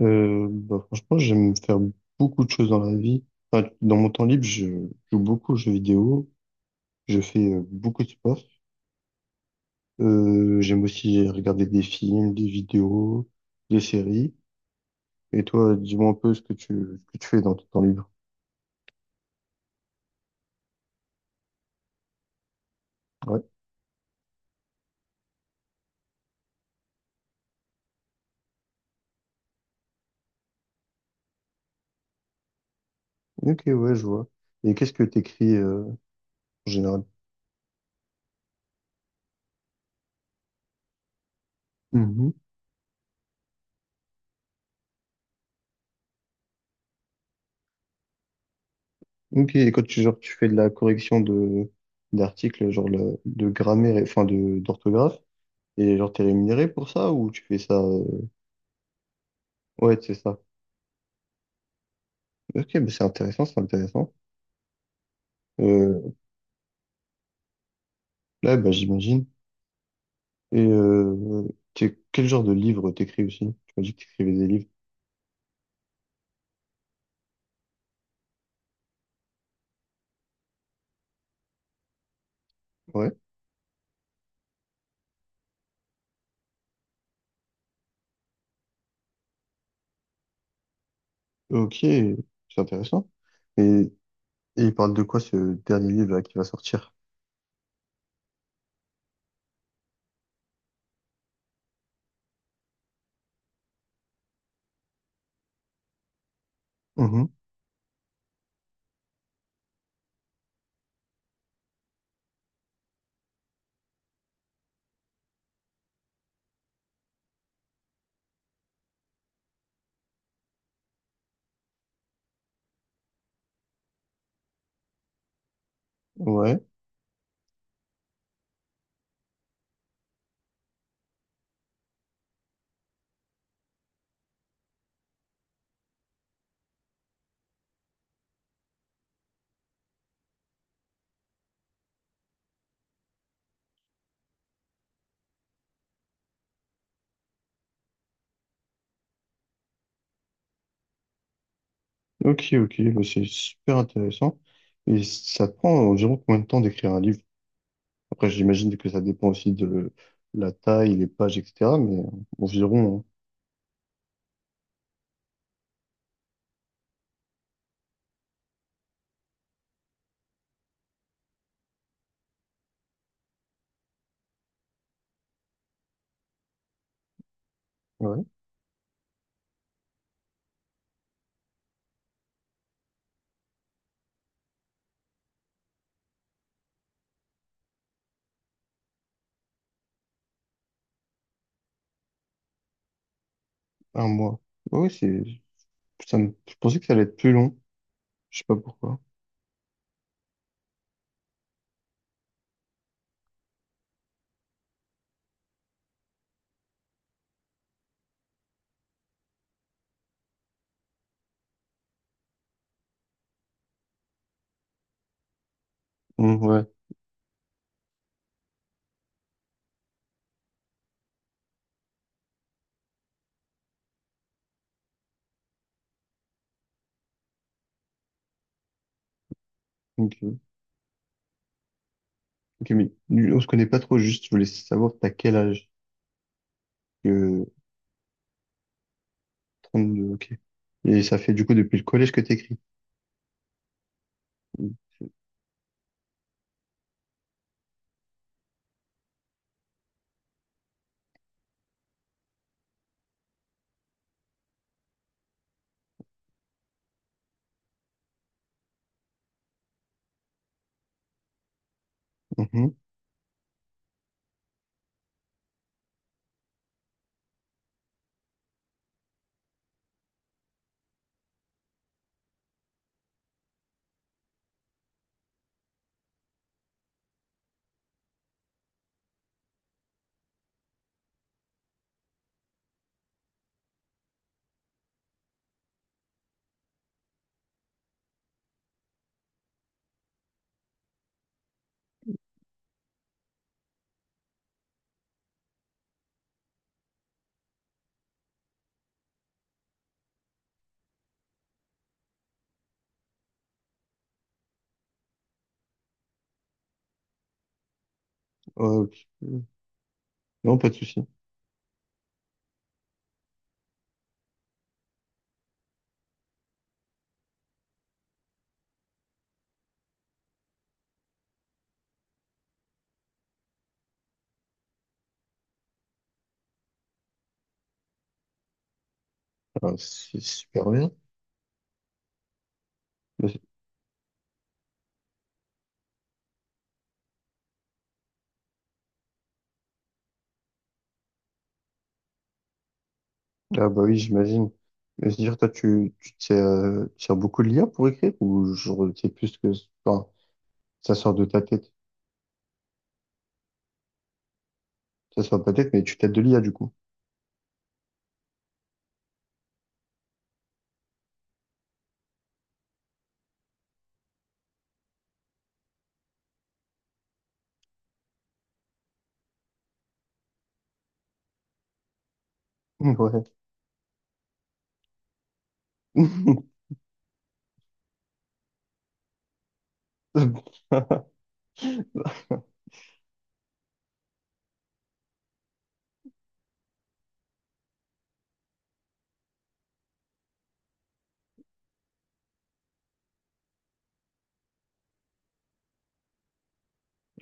Franchement, j'aime faire beaucoup de choses dans la vie. Enfin, dans mon temps libre, je joue beaucoup aux jeux vidéo, je fais beaucoup de sport. J'aime aussi regarder des films, des vidéos, des séries. Et toi, dis-moi un peu ce que ce que tu fais dans ton temps libre. Ouais. Ok, ouais, je vois. Et qu'est-ce que t'écris en général? Mhm. Ok, et quand tu, genre, tu fais de la correction de d'articles, genre de grammaire, enfin de d'orthographe, et genre t'es rémunéré pour ça ou tu fais ça? Ouais, c'est ça. Ok, mais c'est intéressant, c'est intéressant. Euh, là, bah, j'imagine. Et quel genre de livre t'écris aussi? Tu m'as dit que t'écrivais des livres. Ouais. Ok, c'est intéressant. Et, et il parle de quoi ce dernier livre là, qui va sortir? Mhm. Ouais. Ok, ok, bah, c'est super intéressant. Et ça te prend environ combien de temps d'écrire un livre? Après, j'imagine que ça dépend aussi de la taille, les pages, etc. Mais environ, hein. Ouais. Un mois. Ouais, c'est, ça je pensais que ça allait être plus long. Je sais pas pourquoi. Ouais, ok. Ok, mais on se connaît pas trop, juste je voulais savoir t'as quel âge que deux ok. Et ça fait du coup depuis le collège que t'écris. Mhm. Ok. Non, pas de souci. Ah, c'est super bien. Mais- Ah bah oui, j'imagine. Mais c'est-à-dire, toi, tu te sers beaucoup de l'IA pour écrire ou genre, c'est plus que, enfin, ça sort de ta tête. Ça sort de ta tête, mais tu t'aides de l'IA, du coup. Ouais.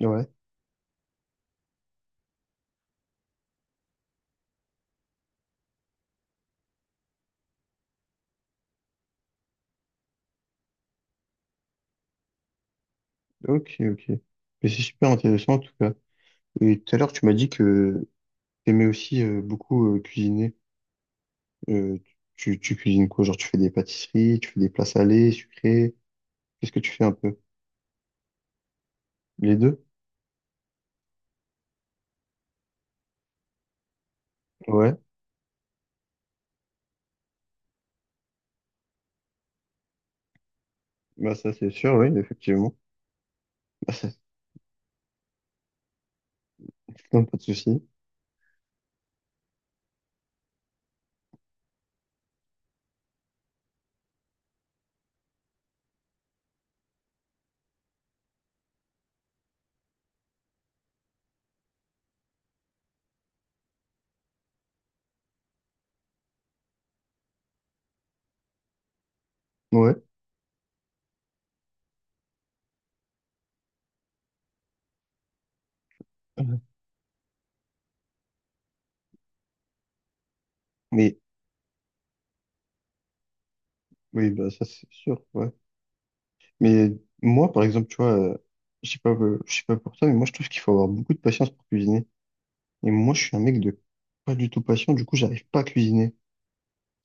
Ouais, ok, ok. Mais c'est super intéressant, en tout cas. Et tout à l'heure, tu m'as dit que t'aimais aussi beaucoup cuisiner. Euh, Tu cuisines quoi? Genre, tu fais des pâtisseries, tu fais des plats salés, sucrés. Qu'est-ce que tu fais un peu? Les deux? Ouais. Bah, ça, c'est sûr, oui, effectivement. Bah, ça, non, pas de souci. Ouais. Mais, oui, bah, ça, c'est sûr, ouais. Mais moi, par exemple, tu vois, je sais pas pour toi, mais moi, je trouve qu'il faut avoir beaucoup de patience pour cuisiner. Et moi, je suis un mec de pas du tout patient, du coup, j'arrive pas à cuisiner.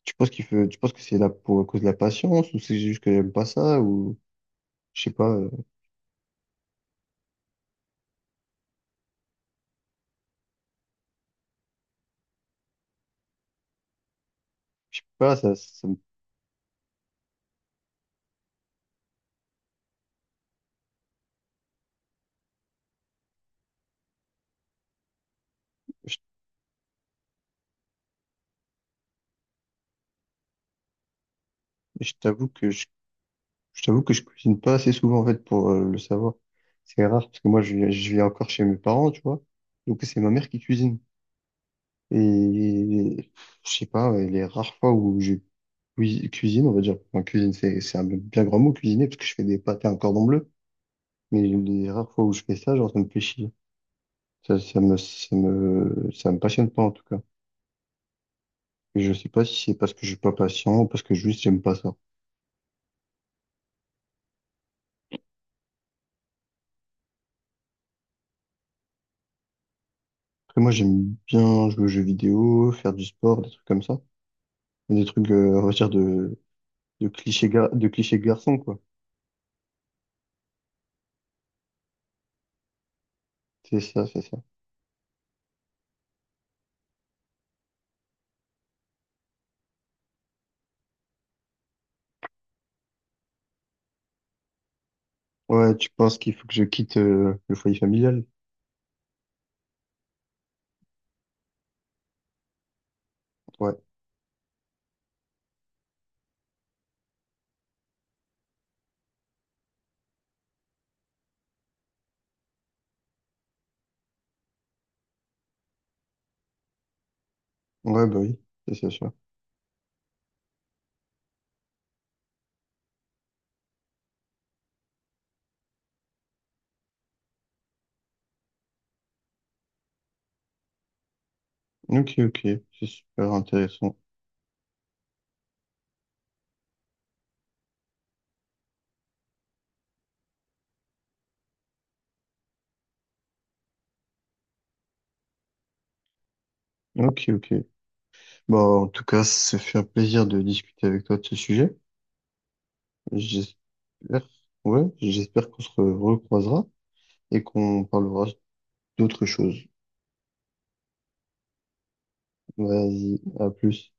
Tu penses tu penses que c'est là pour à cause de la patience ou c'est juste que j'aime pas ça ou je sais pas, je sais pas, ça, ça me- je, je t'avoue que je t'avoue que je cuisine pas assez souvent en fait pour le savoir. C'est rare parce que je vis encore chez mes parents, tu vois. Donc c'est ma mère qui cuisine et je sais pas, ouais, les rares fois où je cuisine, on va dire, enfin, cuisine c'est un bien grand mot cuisiner parce que je fais des pâtes à un cordon bleu, mais les rares fois où je fais ça, genre ça me fait chier. Ça, ça me passionne pas en tout cas. Je sais pas si c'est parce que je suis pas patient ou parce que juste j'aime pas ça. Après, moi, j'aime bien jouer aux jeux vidéo, faire du sport, des trucs comme ça. Des trucs, on va dire, de clichés garçons, quoi. C'est ça, c'est ça. Ouais, tu penses qu'il faut que je quitte, le foyer familial? Ouais. Ouais, bah oui, ça. Ok, ok. C'est super intéressant. Ok, ok. Bon, en tout cas, ça fait un plaisir de discuter avec toi de ce sujet. J'espère, ouais, j'espère qu'on se recroisera et qu'on parlera d'autres choses. Vas-y, à plus.